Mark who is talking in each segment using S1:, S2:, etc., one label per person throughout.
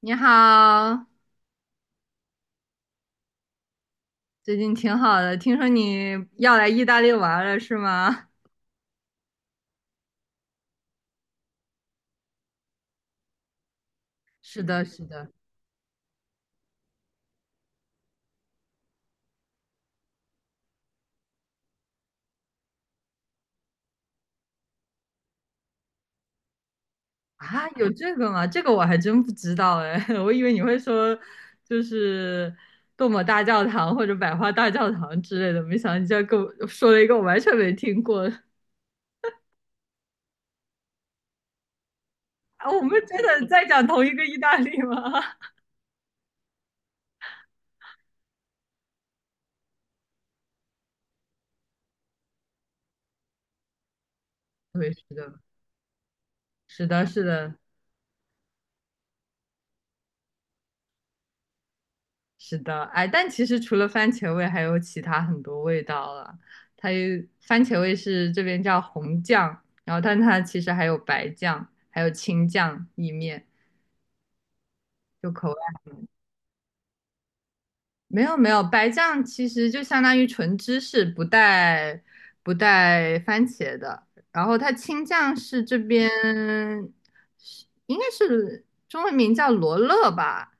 S1: 你好，最近挺好的，听说你要来意大利玩了是吗？是的，是的。啊，有这个吗？这个我还真不知道哎，我以为你会说就是杜姆大教堂或者百花大教堂之类的，没想到你竟然跟我说了一个我完全没听过。我们真的在讲同一个意大利吗？对，是是的，哎，但其实除了番茄味，还有其他很多味道了。它有番茄味是这边叫红酱，然后但它其实还有白酱，还有青酱意面，就口味。没有没有，白酱其实就相当于纯芝士，不带番茄的。然后它青酱是这边是应该是中文名叫罗勒吧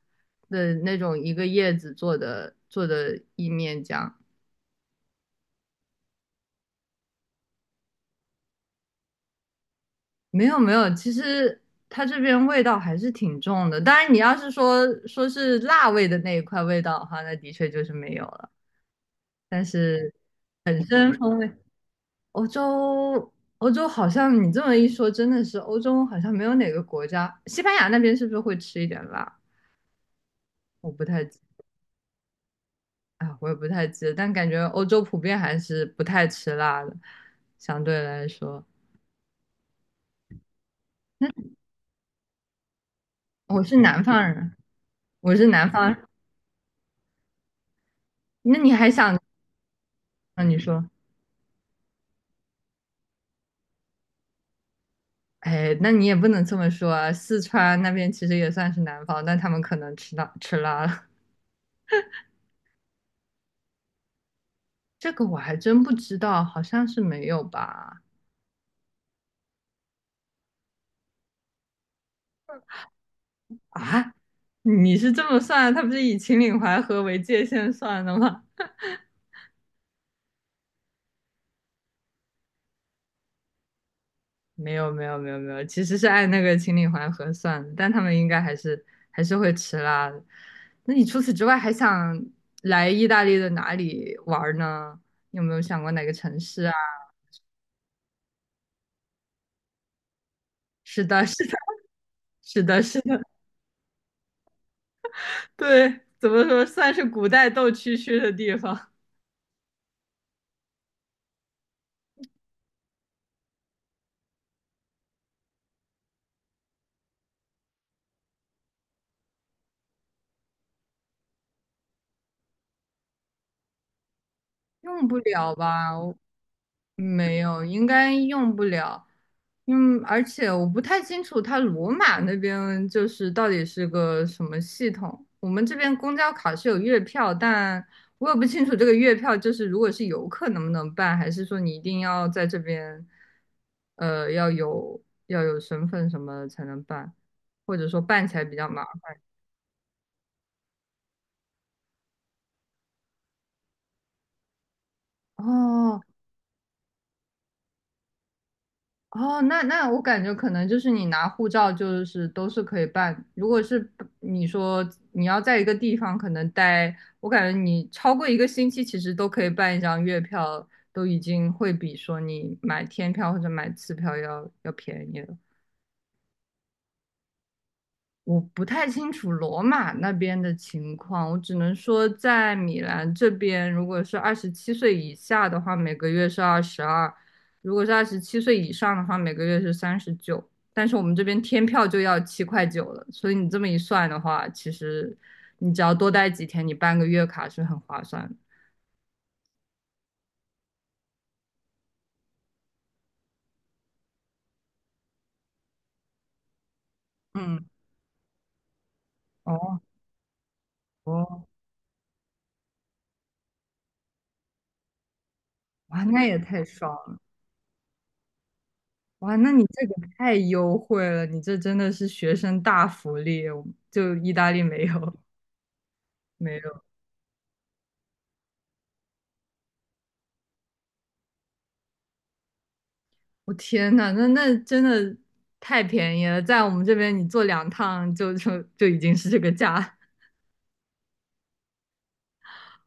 S1: 的那种一个叶子做的意面酱。没有没有，其实它这边味道还是挺重的。当然，你要是说是辣味的那一块味道的话，那的确就是没有了。但是真风味，欧洲欧洲好像你这么一说，真的是欧洲好像没有哪个国家，西班牙那边是不是会吃一点辣？我不太记，啊，我也不太记得，但感觉欧洲普遍还是不太吃辣的，相对来说。那我是南方人，我是南方人。那你还想？那你说。哎，那你也不能这么说啊，四川那边其实也算是南方，但他们可能吃辣了。这个我还真不知道，好像是没有吧？啊，你是这么算？他不是以秦岭淮河为界限算的吗？没有没有没有没有，其实是按那个秦岭淮河算的，但他们应该还是会吃辣的。那你除此之外还想来意大利的哪里玩儿呢？你有没有想过哪个城市啊？是的，是的，是的，是的。对，怎么说算是古代斗蛐蛐的地方？用不了吧？我没有，应该用不了。嗯，而且我不太清楚它罗马那边就是到底是个什么系统。我们这边公交卡是有月票，但我也不清楚这个月票就是如果是游客能不能办，还是说你一定要在这边，要有身份什么才能办，或者说办起来比较麻烦。哦，哦，那那我感觉可能就是你拿护照就是都是可以办，如果是不你说你要在一个地方可能待，我感觉你超过一个星期其实都可以办一张月票，都已经会比说你买天票或者买次票要便宜了。我不太清楚罗马那边的情况，我只能说在米兰这边，如果是二十七岁以下的话，每个月是22；如果是二十七岁以上的话，每个月是39。但是我们这边天票就要7块9了，所以你这么一算的话，其实你只要多待几天，你办个月卡是很划算的。嗯，哦哦，哇，那也太爽了！哇，那你这个太优惠了，你这真的是学生大福利，就意大利没有。没有，我天呐，那那真的太便宜了，在我们这边你坐两趟就已经是这个价。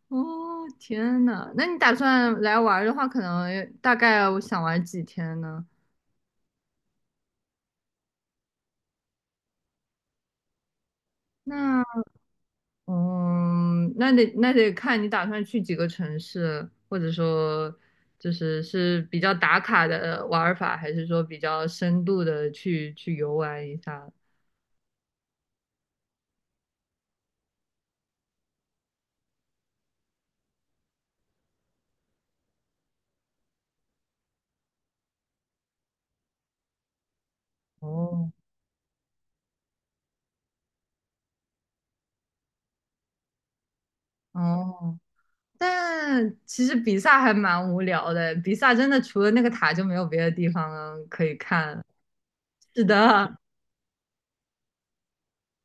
S1: 哦，天呐，那你打算来玩的话，可能大概我想玩几天呢？那嗯，那得看你打算去几个城市，或者说就是是比较打卡的玩儿法，还是说比较深度的去游玩一下？哦。哦，但其实比萨还蛮无聊的，比萨真的除了那个塔就没有别的地方可以看。是的，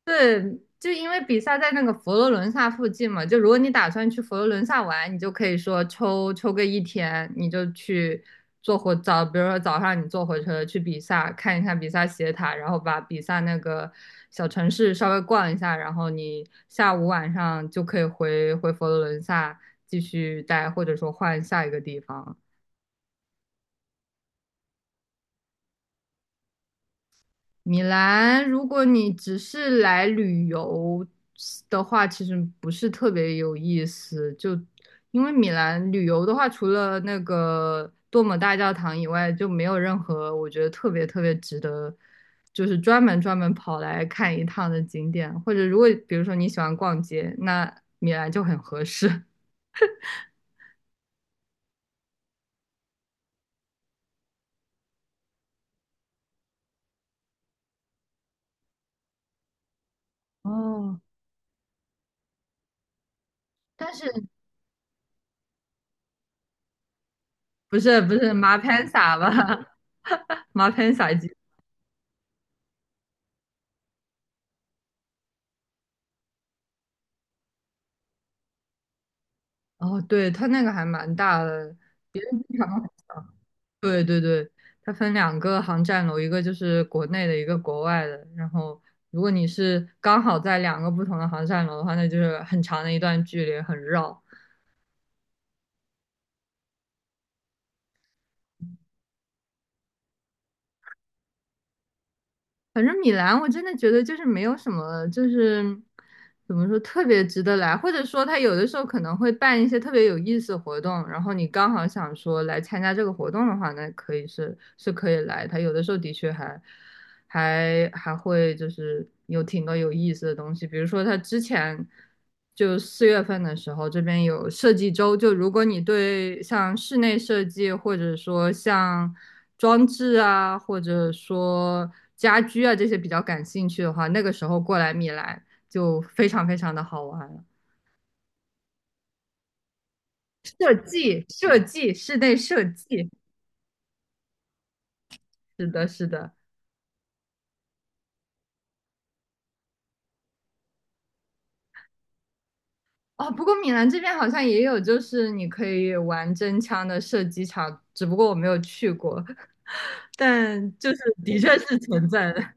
S1: 对，就因为比萨在那个佛罗伦萨附近嘛，就如果你打算去佛罗伦萨玩，你就可以说抽个1天，你就去坐火早，比如说早上你坐火车去比萨看一看比萨斜塔，然后把比萨那个小城市稍微逛一下，然后你下午晚上就可以回佛罗伦萨继续待，或者说换下一个地方。米兰，如果你只是来旅游的话，其实不是特别有意思。就因为米兰旅游的话，除了那个多姆大教堂以外，就没有任何我觉得特别值得，就是专门跑来看一趟的景点。或者如果比如说你喜欢逛街，那米兰就很合适。哦，但是不是马潘萨吧？马潘萨基。哦，对，它那个还蛮大的。对对对，它分两个航站楼，一个就是国内的，一个国外的。然后，如果你是刚好在两个不同的航站楼的话，那就是很长的一段距离，很绕。反正米兰，我真的觉得就是没有什么，就是怎么说特别值得来，或者说他有的时候可能会办一些特别有意思的活动，然后你刚好想说来参加这个活动的话，那可以可以来。他有的时候的确还会就是有挺多有意思的东西，比如说他之前就4月份的时候，这边有设计周，就如果你对像室内设计或者说像装置啊，或者说家居啊这些比较感兴趣的话，那个时候过来米兰就非常非常的好玩了。设计，设计，室内设计，是的，是的。哦，不过米兰这边好像也有，就是你可以玩真枪的射击场，只不过我没有去过，但就是的确是存在的。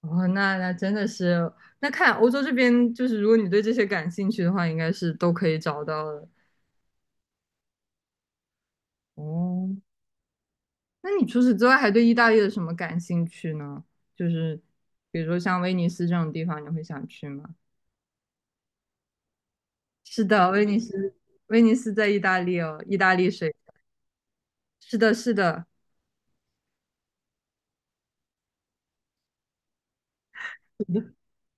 S1: 哦，那那真的是，那看欧洲这边，就是如果你对这些感兴趣的话，应该是都可以找到的。哦，那你除此之外还对意大利的什么感兴趣呢？就是比如说像威尼斯这种地方，你会想去吗？是的，威尼斯，威尼斯在意大利哦，意大利水。是的，是的，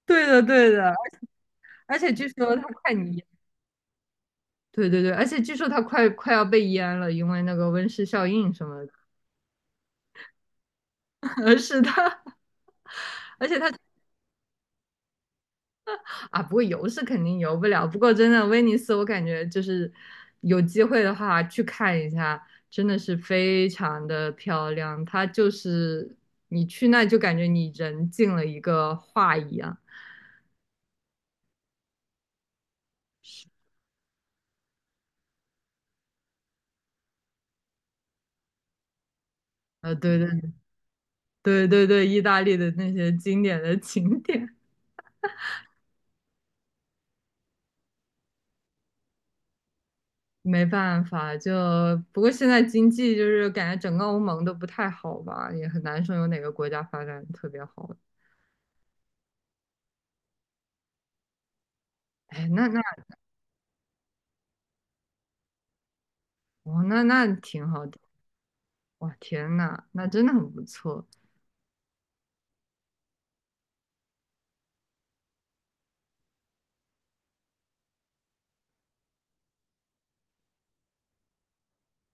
S1: 对的，对的。而且据说它快淹，对对对，而且据说它快要被淹了，因为那个温室效应什么的。是的 啊，不过游是肯定游不了。不过真的威尼斯，我感觉就是有机会的话去看一下，真的是非常的漂亮。它就是你去那就感觉你人进了一个画一样。呃，对对意大利的那些经典的景点。没办法，就不过现在经济就是感觉整个欧盟都不太好吧，也很难说有哪个国家发展特别好。哎，那那哦，那那挺好的，哇，天呐，那真的很不错。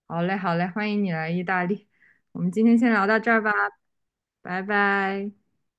S1: 好嘞，好嘞，欢迎你来意大利。我们今天先聊到这儿吧，拜拜。